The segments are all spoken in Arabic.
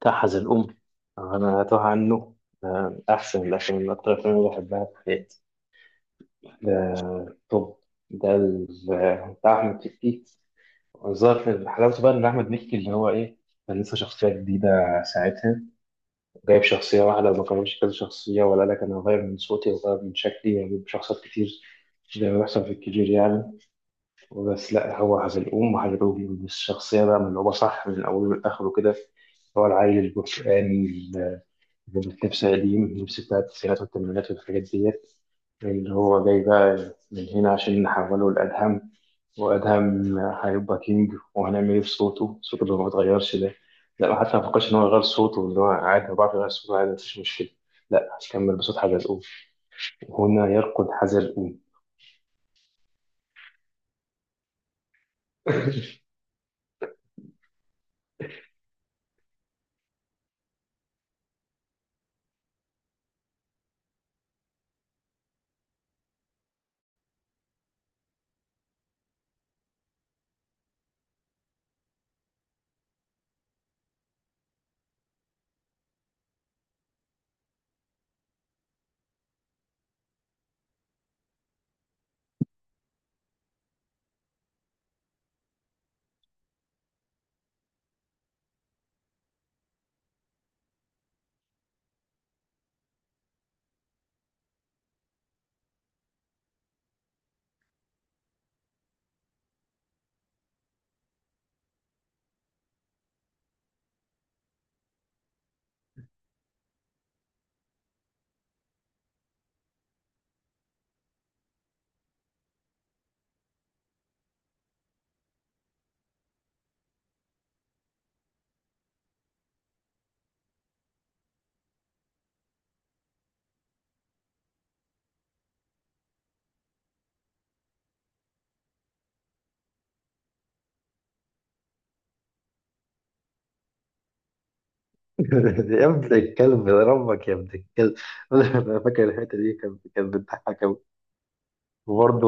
تحز الأم. أنا أتوه عنه. أحسن الأفلام، من أكتر الأفلام اللي بحبها في حياتي. طب، ده بتاع أحمد مكي. ظهر في حلاوته بقى إن أحمد مكي اللي هو إيه، كان لسه شخصية جديدة ساعتها. جايب شخصية واحدة، ما كانش كذا شخصية ولا لك أنا هغير من صوتي وغير من شكلي وأجيب شخصيات كتير، زي ما بيحصل في الكبير يعني. بس لا، هو حزلقوم، وحزلقوم الشخصية بقى ملعوبة صح من أوله لآخره كده. هو العيل البرتقاني. اللبس قديم، اللبس بتاع التسعينات والثمانينات والحاجات ديت. اللي هو جاي بقى من هنا عشان نحوله لأدهم، وأدهم هيبقى كينج. وهنعمل إيه بصوته؟ صوته اللي ما بيتغيرش ده، لا، ما حتى ما فكرش إن هو يغير صوته، اللي هو عادي، هو بيعرف يغير صوته عادي، مفيش مشكلة. لا، هكمل بصوت حزلقوم. هنا يرقد حزلقوم. يا ابن الكلب يا ربك، يا ابن الكلب. انا فاكر الحته دي كانت بتضحك قوي. وبرضه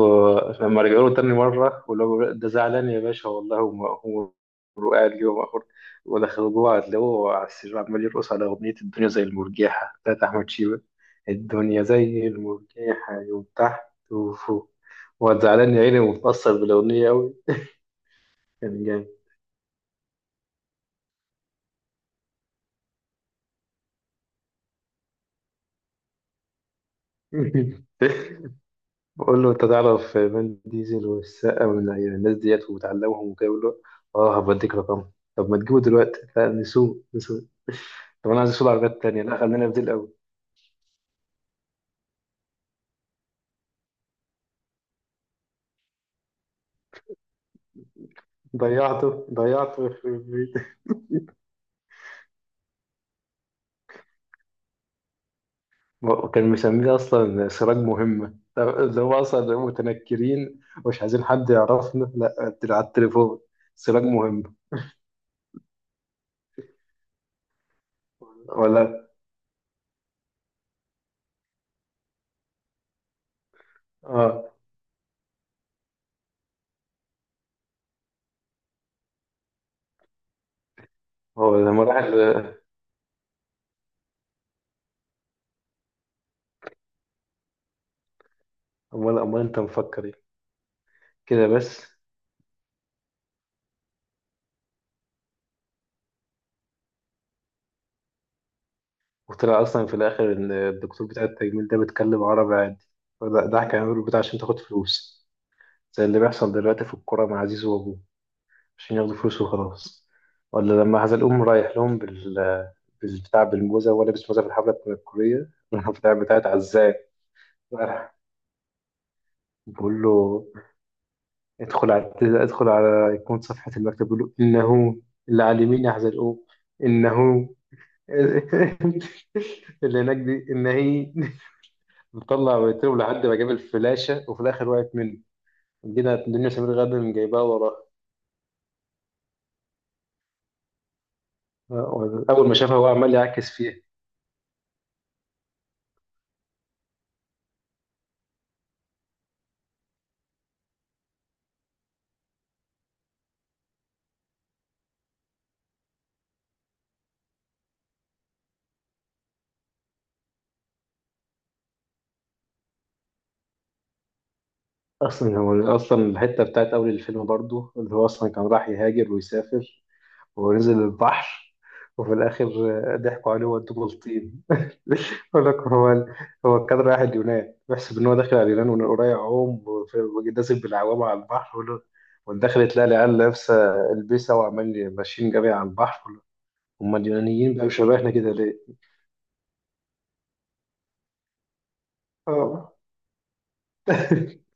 لما رجعوا له تاني مره، واللي هو بيقول ده زعلان يا باشا والله، هو هو. وقاعد اليوم اخر، ودخلوا جوه هتلاقوه على السرير عمال يرقص على اغنيه الدنيا زي المرجحه بتاعت احمد شيبه. الدنيا زي المرجحه، يوم تحت وفوق. وقعد زعلان يا عيني، ومتأثر بالاغنيه قوي. كان جامد. بقول له انت تعرف فان ديزل والسقا والناس ديت وبتعلمهم وكده، بيقول له اه هبديك رقمهم. طب ما تجيبه دلوقتي؟ لا، نسوق نسوق. طب انا عايز اسوق عربيات تانية. لا، خلينا في دي الاول. ضيعته ضيعته. وكان مسميه اصلا سراج مهمه، اللي هو اصلا متنكرين ومش عايزين حد يعرفنا، لا، على التليفون. سراج مهم. ولا اه. هو لما راح امال انت مفكر ايه؟ كده بس. وطلع اصلا في الاخر ان الدكتور بتاع التجميل ده بيتكلم عربي عادي، فده كان بتاع عشان تاخد فلوس، زي اللي بيحصل دلوقتي في الكوره مع عزيز وابوه، عشان ياخدوا فلوس وخلاص. ولا لما هذا الأم رايح لهم بالبتاع، بالموزة، ولا لابس موزة في الحفلة بتاعت الكورية، البتاع بتاعت عزام. بقول له ادخل على ادخل على يكون صفحة المكتب، بقول له إنه اللي على اليمين هذا الأم، إنه اللي هناك دي إن هي. مطلع ويترب لحد ما جاب الفلاشة وفي الآخر وقعت منه. جينا الدنيا سمير غانم جايباها وراه. أول ما شافها هو عمال يعكس فيها. اصلا هو اصلا الحته بتاعت اول الفيلم برضو، اللي هو اصلا كان راح يهاجر ويسافر ونزل البحر، وفي الاخر ضحكوا عليه وودوه بلطيم. يقول لك هو كان رايح اليونان، بيحسب ان هو داخل على اليونان وإن قريب عوم، ونازل بالعوامه على البحر. ويقول له، ودخل تلاقي العيال لابسه البسه وعمال ماشيين جري على البحر، يقول له، هم اليونانيين بقى مش رايحنا كده ليه؟ اه.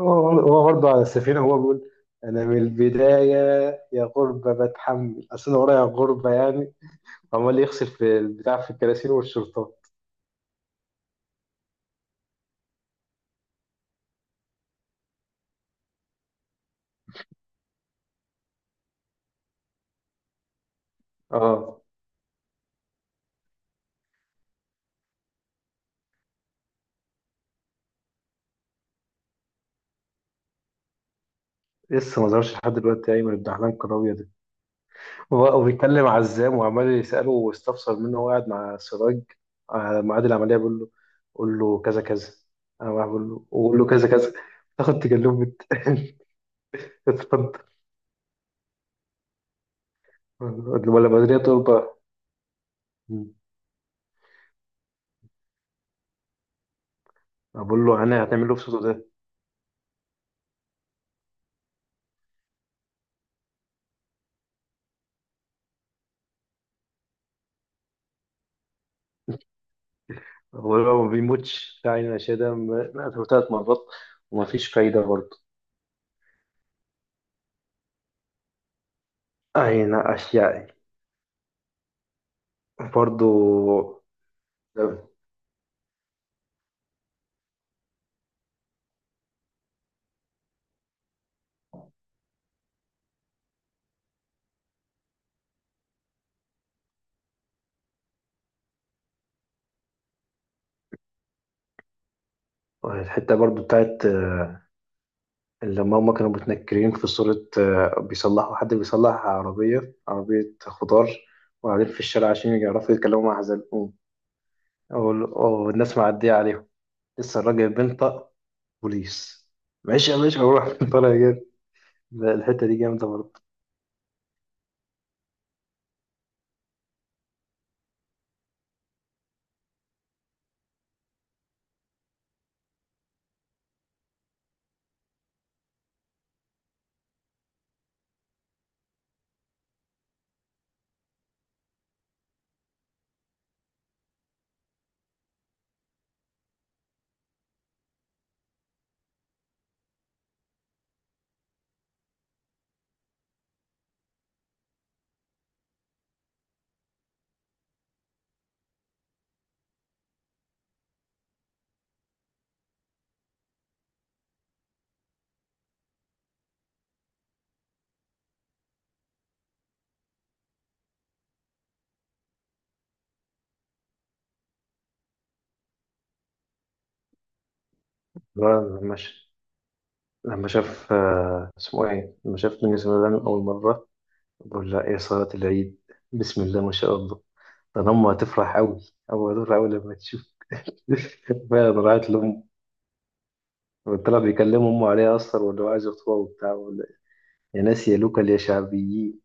هو برضه على السفينة هو بيقول أنا من البداية، يا غربة بتحمل أصل أنا ورايا غربة يعني. عمال يغسل في البتاع، في الكراسي والشرطة. اه. لسه ما ظهرش لحد دلوقتي أيمن الدحلان الكراوية ده. وبيتكلم عزام وعمال يسأله واستفسر منه، وهو قاعد مع سراج على ميعاد العملية، بيقول له قول له كذا كذا. أنا راح بقول له، وقول له كذا كذا. تاخد تكلمة. اتفضل. ولا بدرية طلبة. بقول له أنا هتعمل له في صوته ده. هو لو ما بيموتش فعلا أشياء مات ثلاث مرات، وما فيش فايدة برضه. أين أشيائي برضه. الحتة برضه بتاعت لما هما كانوا متنكرين في صورة بيصلحوا، حد بيصلح عربية خضار، وقاعدين في الشارع عشان يعرفوا يتكلموا مع حزلقوم. أو الناس معدية عليهم، لسه الراجل بينطق بوليس، ماشي يا باشا، روح. طالع جاي. لا، الحتة دي جامدة برضه. لا، ماشي. لما شاف اسمه ايه، لما شاف من سلام اول مره، بقول لها ايه صلاه العيد، بسم الله ما شاء الله، ده أنا امه هتفرح قوي، او هتفرح قوي لما تشوف. فعلا راحت لامه، طلع بيكلم امه عليها اصلا، وانه عايز يخطبها وبتاع يا ناس يا لوكال يا شعبيين.